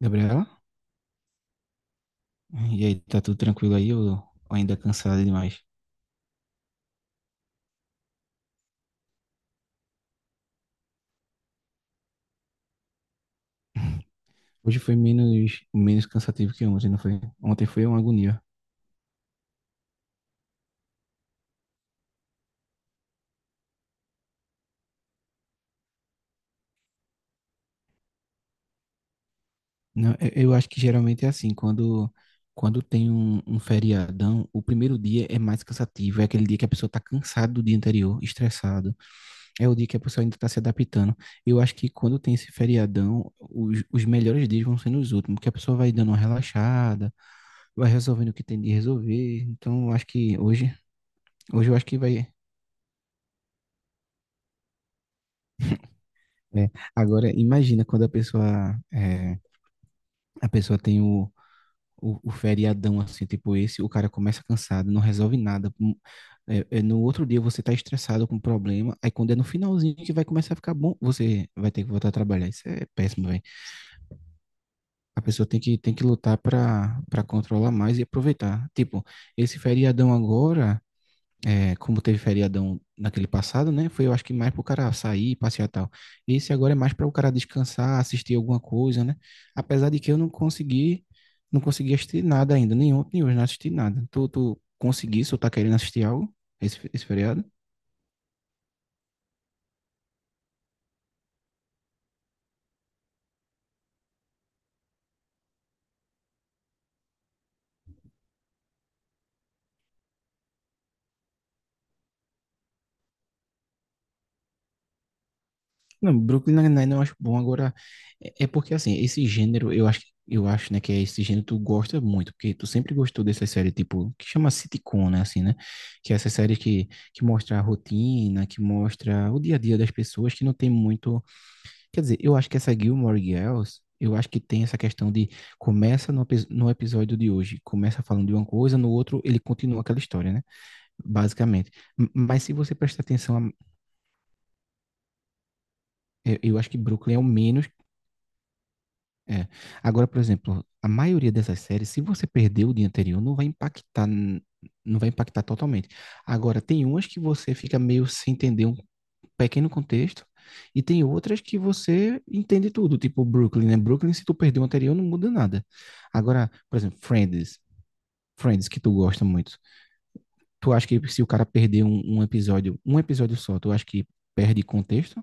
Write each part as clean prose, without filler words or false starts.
Gabriela? E aí, tá tudo tranquilo aí ou ainda cansada demais? Hoje foi menos cansativo que ontem, não foi? Ontem foi uma agonia. Não, eu acho que geralmente é assim, quando tem um feriadão, o primeiro dia é mais cansativo, é aquele dia que a pessoa tá cansada do dia anterior, estressado, é o dia que a pessoa ainda tá se adaptando. Eu acho que quando tem esse feriadão, os melhores dias vão sendo os últimos, que a pessoa vai dando uma relaxada, vai resolvendo o que tem de resolver. Então, eu acho que hoje eu acho que vai né? Agora, imagina quando a pessoa, a pessoa tem o feriadão assim, tipo esse, o cara começa cansado, não resolve nada. No outro dia você tá estressado com um problema, aí quando é no finalzinho que vai começar a ficar bom, você vai ter que voltar a trabalhar. Isso é péssimo, velho. A pessoa tem que lutar para controlar mais e aproveitar. Tipo, esse feriadão agora é, como teve feriadão naquele passado, né? Foi, eu acho que mais para o cara sair, passear e tal. Esse agora é mais para o cara descansar, assistir alguma coisa, né? Apesar de que eu não consegui assistir nada ainda, nem ontem, nem hoje, não assisti nada. Tu conseguisse ou tá querendo assistir algo esse feriado? Não, Brooklyn Nine-Nine eu acho bom. Agora, é porque assim, esse gênero, eu acho, né, que é esse gênero que tu gosta muito, porque tu sempre gostou dessa série, tipo, que chama sitcom, né, assim, né? Que é essa série que mostra a rotina, que mostra o dia a dia das pessoas, que não tem muito. Quer dizer, eu acho que essa Gilmore Girls, eu acho que tem essa questão de começa no episódio de hoje, começa falando de uma coisa, no outro ele continua aquela história, né? Basicamente. Mas se você prestar atenção, eu acho que Brooklyn é o menos. É. Agora, por exemplo, a maioria dessas séries, se você perdeu o dia anterior, não vai não vai impactar totalmente. Agora, tem umas que você fica meio sem entender um pequeno contexto, e tem outras que você entende tudo, tipo Brooklyn, né? Brooklyn, se tu perdeu o anterior, não muda nada. Agora, por exemplo, Friends, Friends que tu gosta muito. Tu acha que se o cara perder um episódio só, tu acha que perde contexto?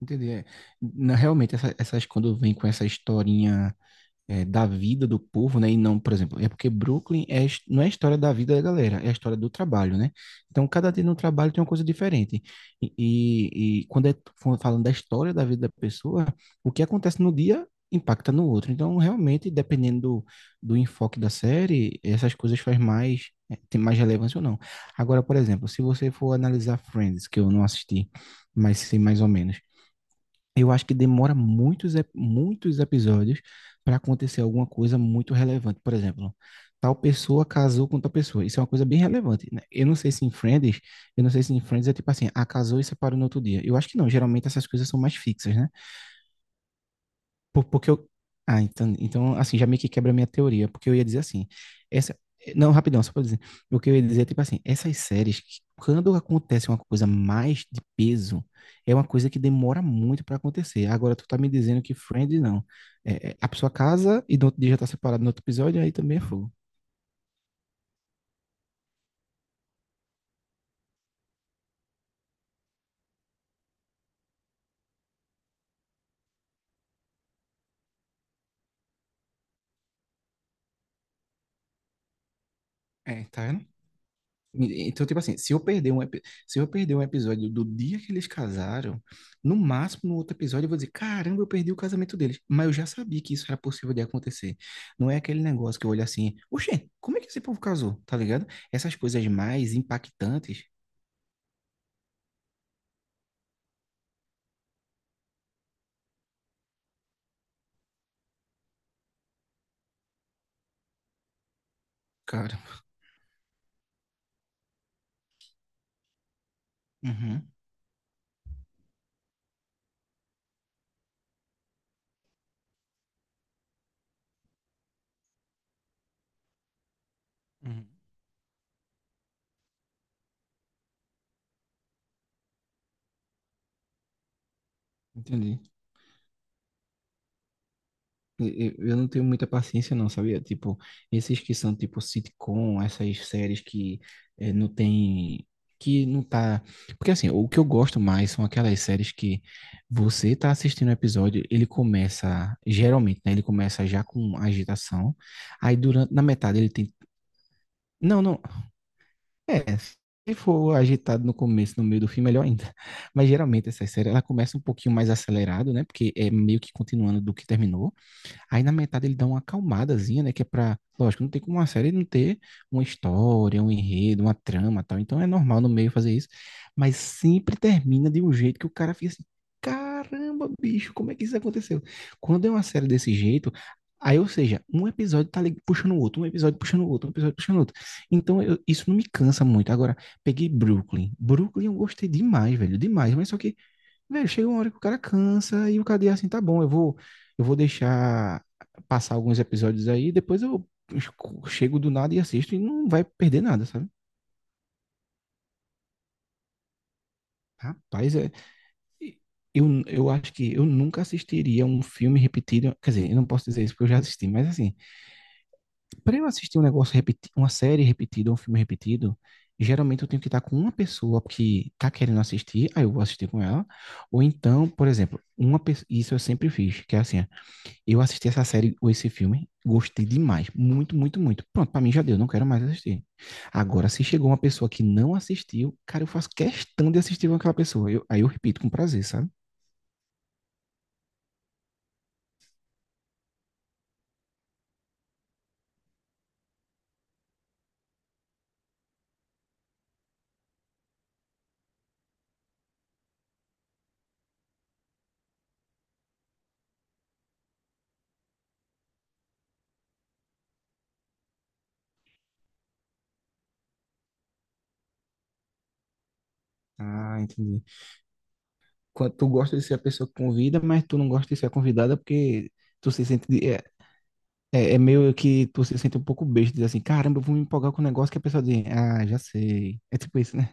Entendi. É. Realmente, essas quando vem com essa historinha. É, da vida do povo, né? E não, por exemplo, é porque Brooklyn é, não é a história da vida da galera, é a história do trabalho, né? Então, cada dia no trabalho tem uma coisa diferente. E quando é falando da história da vida da pessoa, o que acontece no dia impacta no outro. Então, realmente, dependendo do enfoque da série, essas coisas faz mais, é, tem mais relevância ou não. Agora, por exemplo, se você for analisar Friends, que eu não assisti, mas sei mais ou menos eu acho que demora muitos episódios para acontecer alguma coisa muito relevante. Por exemplo, tal pessoa casou com tal pessoa. Isso é uma coisa bem relevante, né? Eu não sei se em eu não sei se em Friends é tipo assim, ah, casou e separou no outro dia. Eu acho que não, geralmente essas coisas são mais fixas, né? Porque eu. Ah, assim, já meio que quebra a minha teoria, porque eu ia dizer assim, essa. Não, rapidão, só pra dizer. O que eu ia dizer é, tipo assim, essas séries, que quando acontece uma coisa mais de peso, é uma coisa que demora muito pra acontecer. Agora, tu tá me dizendo que Friends não. A pessoa casa e no outro dia já tá separado no outro episódio, aí também é fogo. É, tá. Então, tipo assim, se eu perder se eu perder um episódio do dia que eles casaram, no máximo no outro episódio eu vou dizer, caramba, eu perdi o casamento deles. Mas eu já sabia que isso era possível de acontecer. Não é aquele negócio que eu olho assim, oxê, como é que esse povo casou? Tá ligado? Essas coisas mais impactantes, cara. Uhum. Uhum. Entendi. Eu não tenho muita paciência, não, sabia? Tipo, esses que são tipo sitcom, essas séries que não tem. Que não tá. Porque assim, o que eu gosto mais são aquelas séries que você tá assistindo o episódio, ele começa, geralmente, né? Ele começa já com agitação. Aí durante, na metade ele tem. Não, não. É, se for agitado no começo, no meio do fim, melhor ainda. Mas geralmente essa série, ela começa um pouquinho mais acelerado, né? Porque é meio que continuando do que terminou. Aí na metade ele dá uma acalmadazinha, né? Que é pra. Lógico, não tem como uma série não ter uma história, um enredo, uma trama e tal. Então é normal no meio fazer isso. Mas sempre termina de um jeito que o cara fica assim: caramba, bicho, como é que isso aconteceu? Quando é uma série desse jeito. Aí, ou seja, um episódio tá ali puxando o outro, um episódio puxando o outro, um episódio puxando o outro. Então, isso não me cansa muito. Agora, peguei Brooklyn. Brooklyn eu gostei demais, velho, demais. Mas só que velho, chega uma hora que o cara cansa e o cara diz assim, tá bom, eu vou deixar passar alguns episódios aí, depois eu chego do nada e assisto e não vai perder nada, sabe? Rapaz, é, eu acho que eu nunca assistiria um filme repetido, quer dizer, eu não posso dizer isso porque eu já assisti, mas assim, para eu assistir um negócio repetido, uma série repetida, um filme repetido, geralmente eu tenho que estar com uma pessoa que tá querendo assistir, aí eu vou assistir com ela, ou então, por exemplo, isso eu sempre fiz, que é assim, eu assisti essa série ou esse filme, gostei demais, muito, muito, muito. Pronto, pra mim já deu, não quero mais assistir. Agora, se chegou uma pessoa que não assistiu, cara, eu faço questão de assistir com aquela pessoa. Aí eu repito com prazer, sabe? Ah, entendi. Quando tu gosta de ser a pessoa que convida, mas tu não gosta de ser a convidada porque tu se sente. É meio que tu se sente um pouco besta, diz assim, caramba, eu vou me empolgar com um negócio que a pessoa diz, ah, já sei. É tipo isso, né?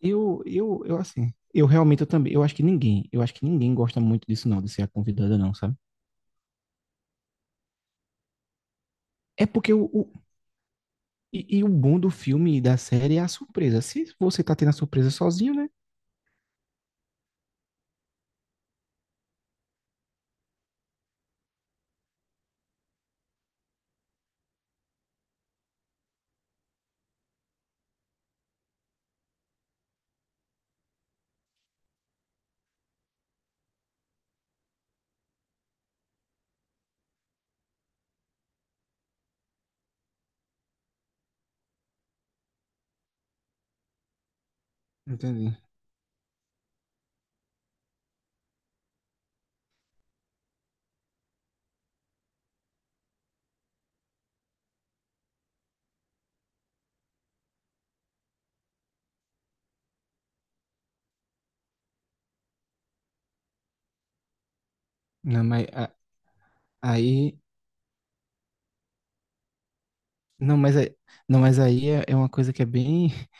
Eu assim. Eu realmente eu também, eu acho que eu acho que ninguém gosta muito disso não, de ser a convidada não, sabe? É porque e o bom do filme e da série é a surpresa. Se você tá tendo a surpresa sozinho, né? Entendi. Não, mas aí. Não, não, mas aí é uma coisa que é bem.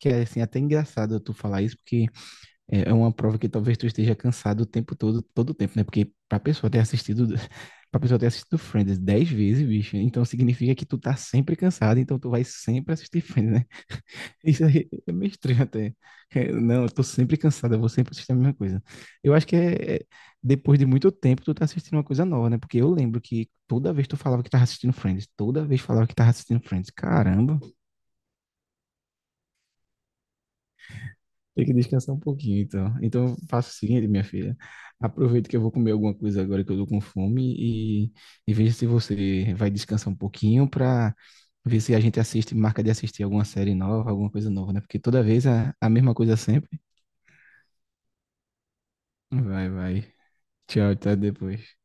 Que é assim, até engraçado tu falar isso, porque é uma prova que talvez tu esteja cansado o tempo todo, todo o tempo, né? Porque pra pessoa ter assistido. Pra pessoa ter assistido Friends 10 vezes, bicho, então significa que tu tá sempre cansado, então tu vai sempre assistir Friends, né? Isso aí é meio estranho até. É, não, eu tô sempre cansado, eu vou sempre assistir a mesma coisa. Eu acho que depois de muito tempo tu tá assistindo uma coisa nova, né? Porque eu lembro que toda vez tu falava que tava assistindo Friends, toda vez falava que tava assistindo Friends. Caramba, tem que descansar um pouquinho, então. Então eu faço o seguinte, minha filha, aproveito que eu vou comer alguma coisa agora que eu tô com fome e, e veja se você vai descansar um pouquinho pra ver se a gente assiste, marca de assistir alguma série nova, alguma coisa nova, né? Porque toda vez a mesma coisa sempre. Vai, vai. Tchau, até depois.